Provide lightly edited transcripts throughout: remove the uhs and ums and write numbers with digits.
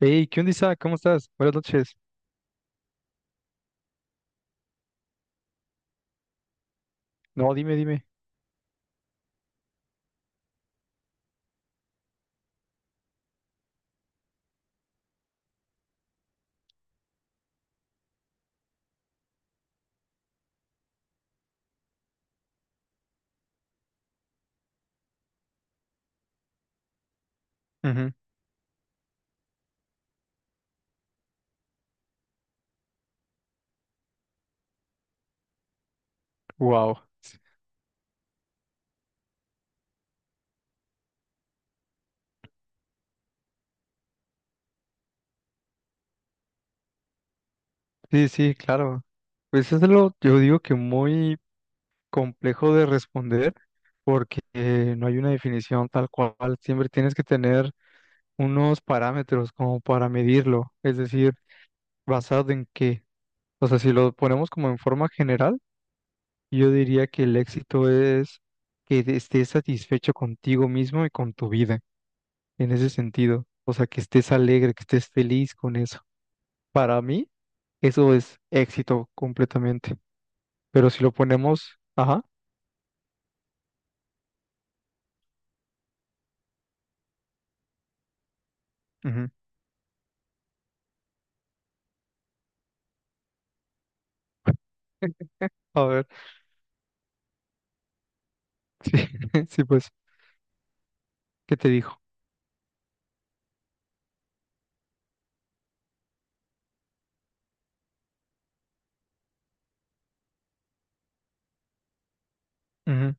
Hey, ¿qué onda, Isaac? ¿Cómo estás? Buenas noches. No, dime, dime. Wow. Sí, sí, claro. Pues yo digo que muy complejo de responder porque no hay una definición tal cual. Siempre tienes que tener unos parámetros como para medirlo. Es decir, basado en qué. O sea, si lo ponemos como en forma general, yo diría que el éxito es que estés satisfecho contigo mismo y con tu vida, en ese sentido. O sea, que estés alegre, que estés feliz con eso. Para mí, eso es éxito completamente. Pero si lo ponemos, ajá. Ujú. A ver, sí, sí, pues, ¿qué te dijo? Ujú.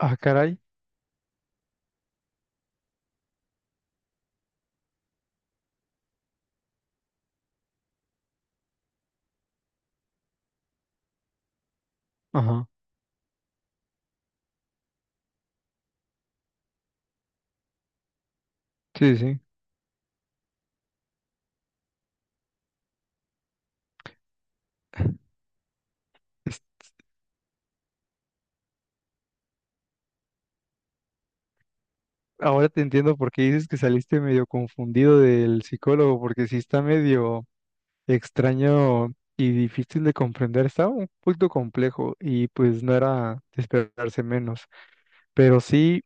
Ah, caray. Ajá, sí, sí. Es- Ahora te entiendo por qué dices que saliste medio confundido del psicólogo, porque sí está medio extraño y difícil de comprender. Estaba un poquito complejo y pues no era de esperarse menos. Pero sí.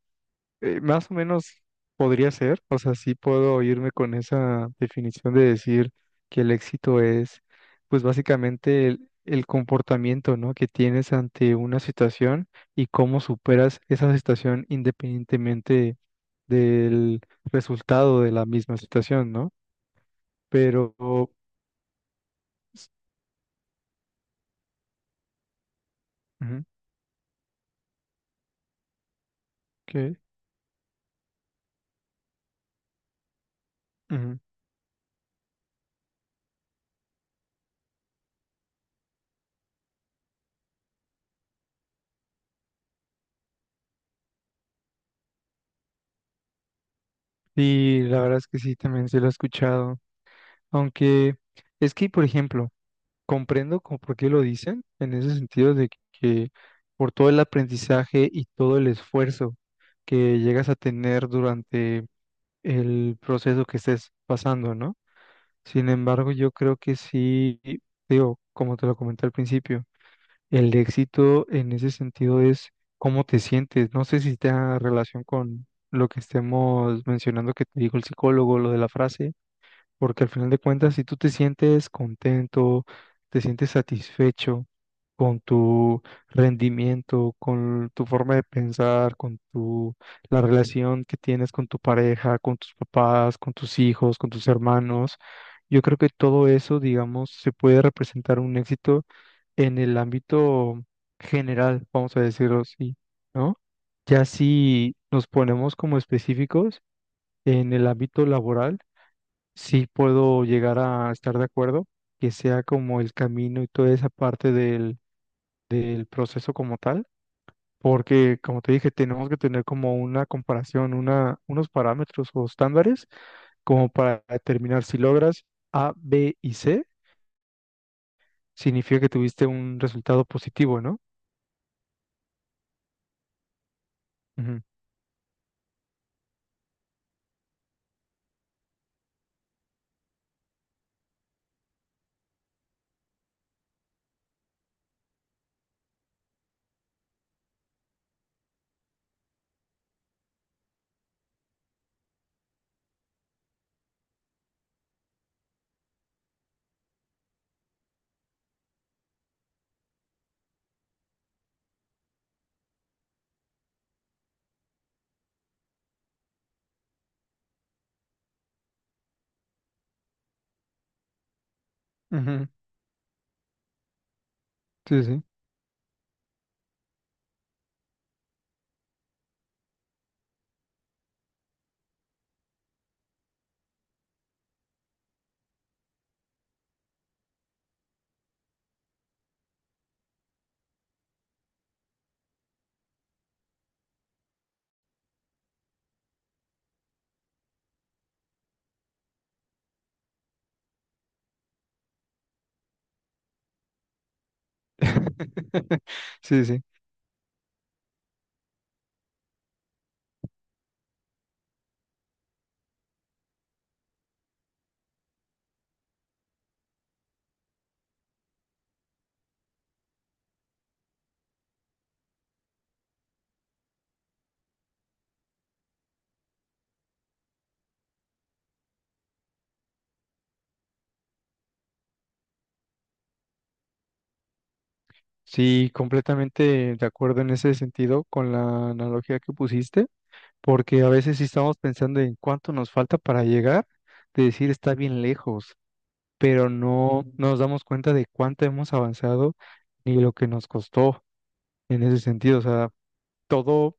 Más o menos podría ser, o sea, sí puedo irme con esa definición de decir que el éxito es, pues básicamente el comportamiento, ¿no?, que tienes ante una situación y cómo superas esa situación independientemente del resultado de la misma situación, ¿no? Pero, ujú, que, ujú. Sí, la verdad es que sí, también se lo he escuchado, aunque es que, por ejemplo, comprendo como por qué lo dicen, en ese sentido de que por todo el aprendizaje y todo el esfuerzo que llegas a tener durante el proceso que estés pasando, ¿no? Sin embargo, yo creo que sí, digo, como te lo comenté al principio, el éxito en ese sentido es cómo te sientes. No sé si tenga relación con lo que estemos mencionando que te dijo el psicólogo, lo de la frase, porque al final de cuentas, si tú te sientes contento, te sientes satisfecho con tu rendimiento, con tu forma de pensar, con tu, la relación que tienes con tu pareja, con tus papás, con tus hijos, con tus hermanos, yo creo que todo eso, digamos, se puede representar un éxito en el ámbito general, vamos a decirlo así, ¿no? Ya si nos ponemos como específicos en el ámbito laboral, sí puedo llegar a estar de acuerdo que sea como el camino y toda esa parte del proceso como tal, porque como te dije, tenemos que tener como una comparación, unos parámetros o estándares como para determinar si logras A, B y C, significa que tuviste un resultado positivo, ¿no? Ujú. Ujú. Sí, sí. Sí, sí. Sí, completamente de acuerdo en ese sentido con la analogía que pusiste, porque a veces sí estamos pensando en cuánto nos falta para llegar, de decir está bien lejos, pero no, ujú, nos damos cuenta de cuánto hemos avanzado ni lo que nos costó en ese sentido. O sea, todo,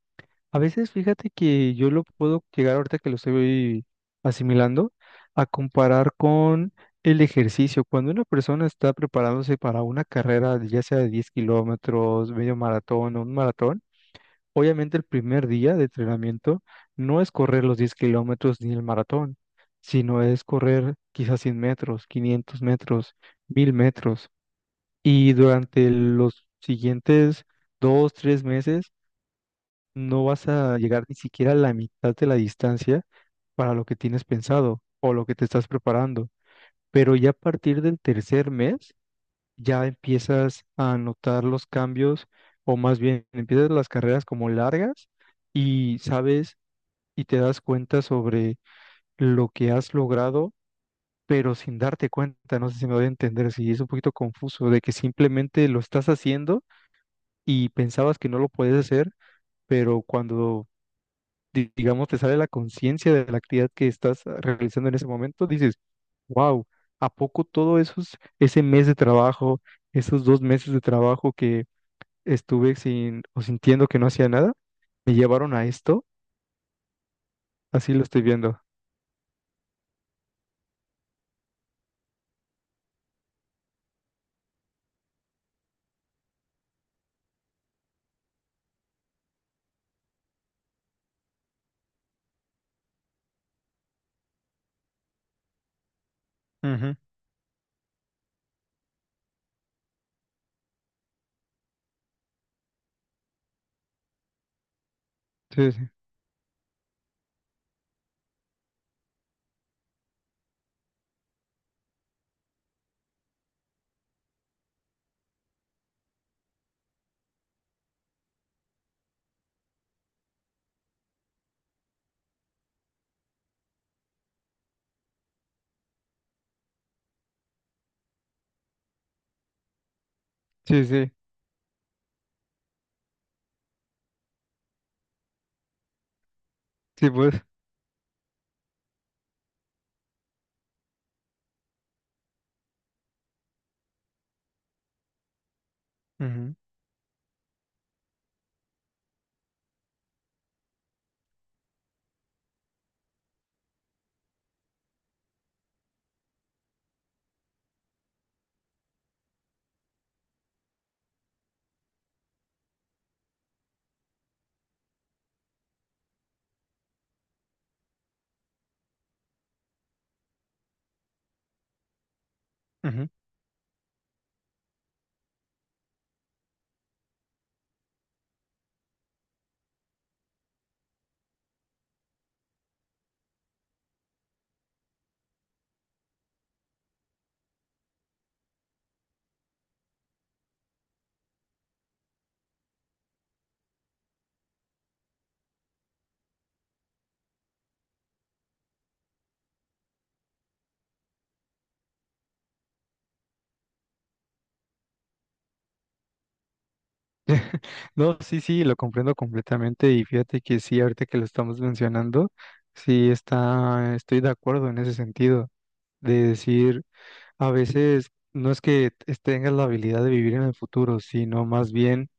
a veces fíjate que yo lo puedo llegar ahorita que lo estoy asimilando a comparar con el ejercicio. Cuando una persona está preparándose para una carrera, ya sea de 10 kilómetros, medio maratón o un maratón, obviamente el primer día de entrenamiento no es correr los 10 kilómetros ni el maratón, sino es correr quizás 100 metros, 500 metros, 1000 metros. Y durante los siguientes dos, tres meses no vas a llegar ni siquiera a la mitad de la distancia para lo que tienes pensado o lo que te estás preparando. Pero ya a partir del tercer mes ya empiezas a notar los cambios, o más bien empiezas las carreras como largas y sabes y te das cuenta sobre lo que has logrado, pero sin darte cuenta, no sé si me voy a entender, si es un poquito confuso, de que simplemente lo estás haciendo y pensabas que no lo puedes hacer, pero cuando, digamos, te sale la conciencia de la actividad que estás realizando en ese momento, dices, wow, ¿a poco todo eso, ese mes de trabajo? Esos 2 meses de trabajo estuve sin o sintiendo que no hacía nada, me llevaron a esto, así lo estoy viendo. Ujú. Sí, sí, sí, sí, sí, pues. Ujú. Ujú. No, sí, sí, lo comprendo completamente y fíjate que sí, ahorita que lo estamos mencionando, sí está, estoy de acuerdo en ese sentido, de decir, a veces no es que tengas la habilidad de vivir en el futuro, sino más bien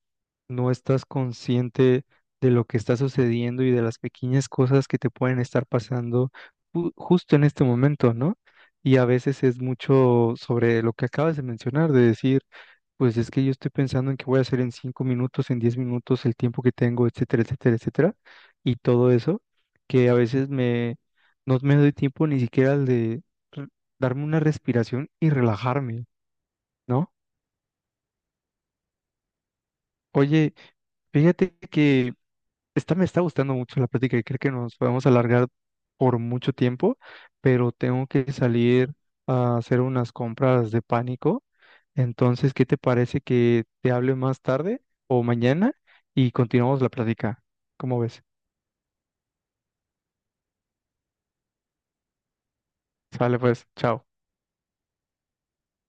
no estás consciente de lo que está sucediendo y de las pequeñas cosas que te pueden estar pasando justo en este momento, ¿no? Y a veces es mucho sobre lo que acabas de mencionar, de decir, pues es que yo estoy pensando en qué voy a hacer en 5 minutos, en 10 minutos, el tiempo que tengo, etcétera, etcétera, etcétera, y todo eso, que a veces no me doy tiempo ni siquiera al de re- darme una respiración y relajarme, ¿no? Oye, fíjate que esta me está gustando mucho la plática y creo que nos podemos alargar por mucho tiempo, pero tengo que salir a hacer unas compras de pánico. Entonces, ¿qué te parece que te hable más tarde o mañana y continuamos la plática? ¿Cómo ves? Sale pues, chao.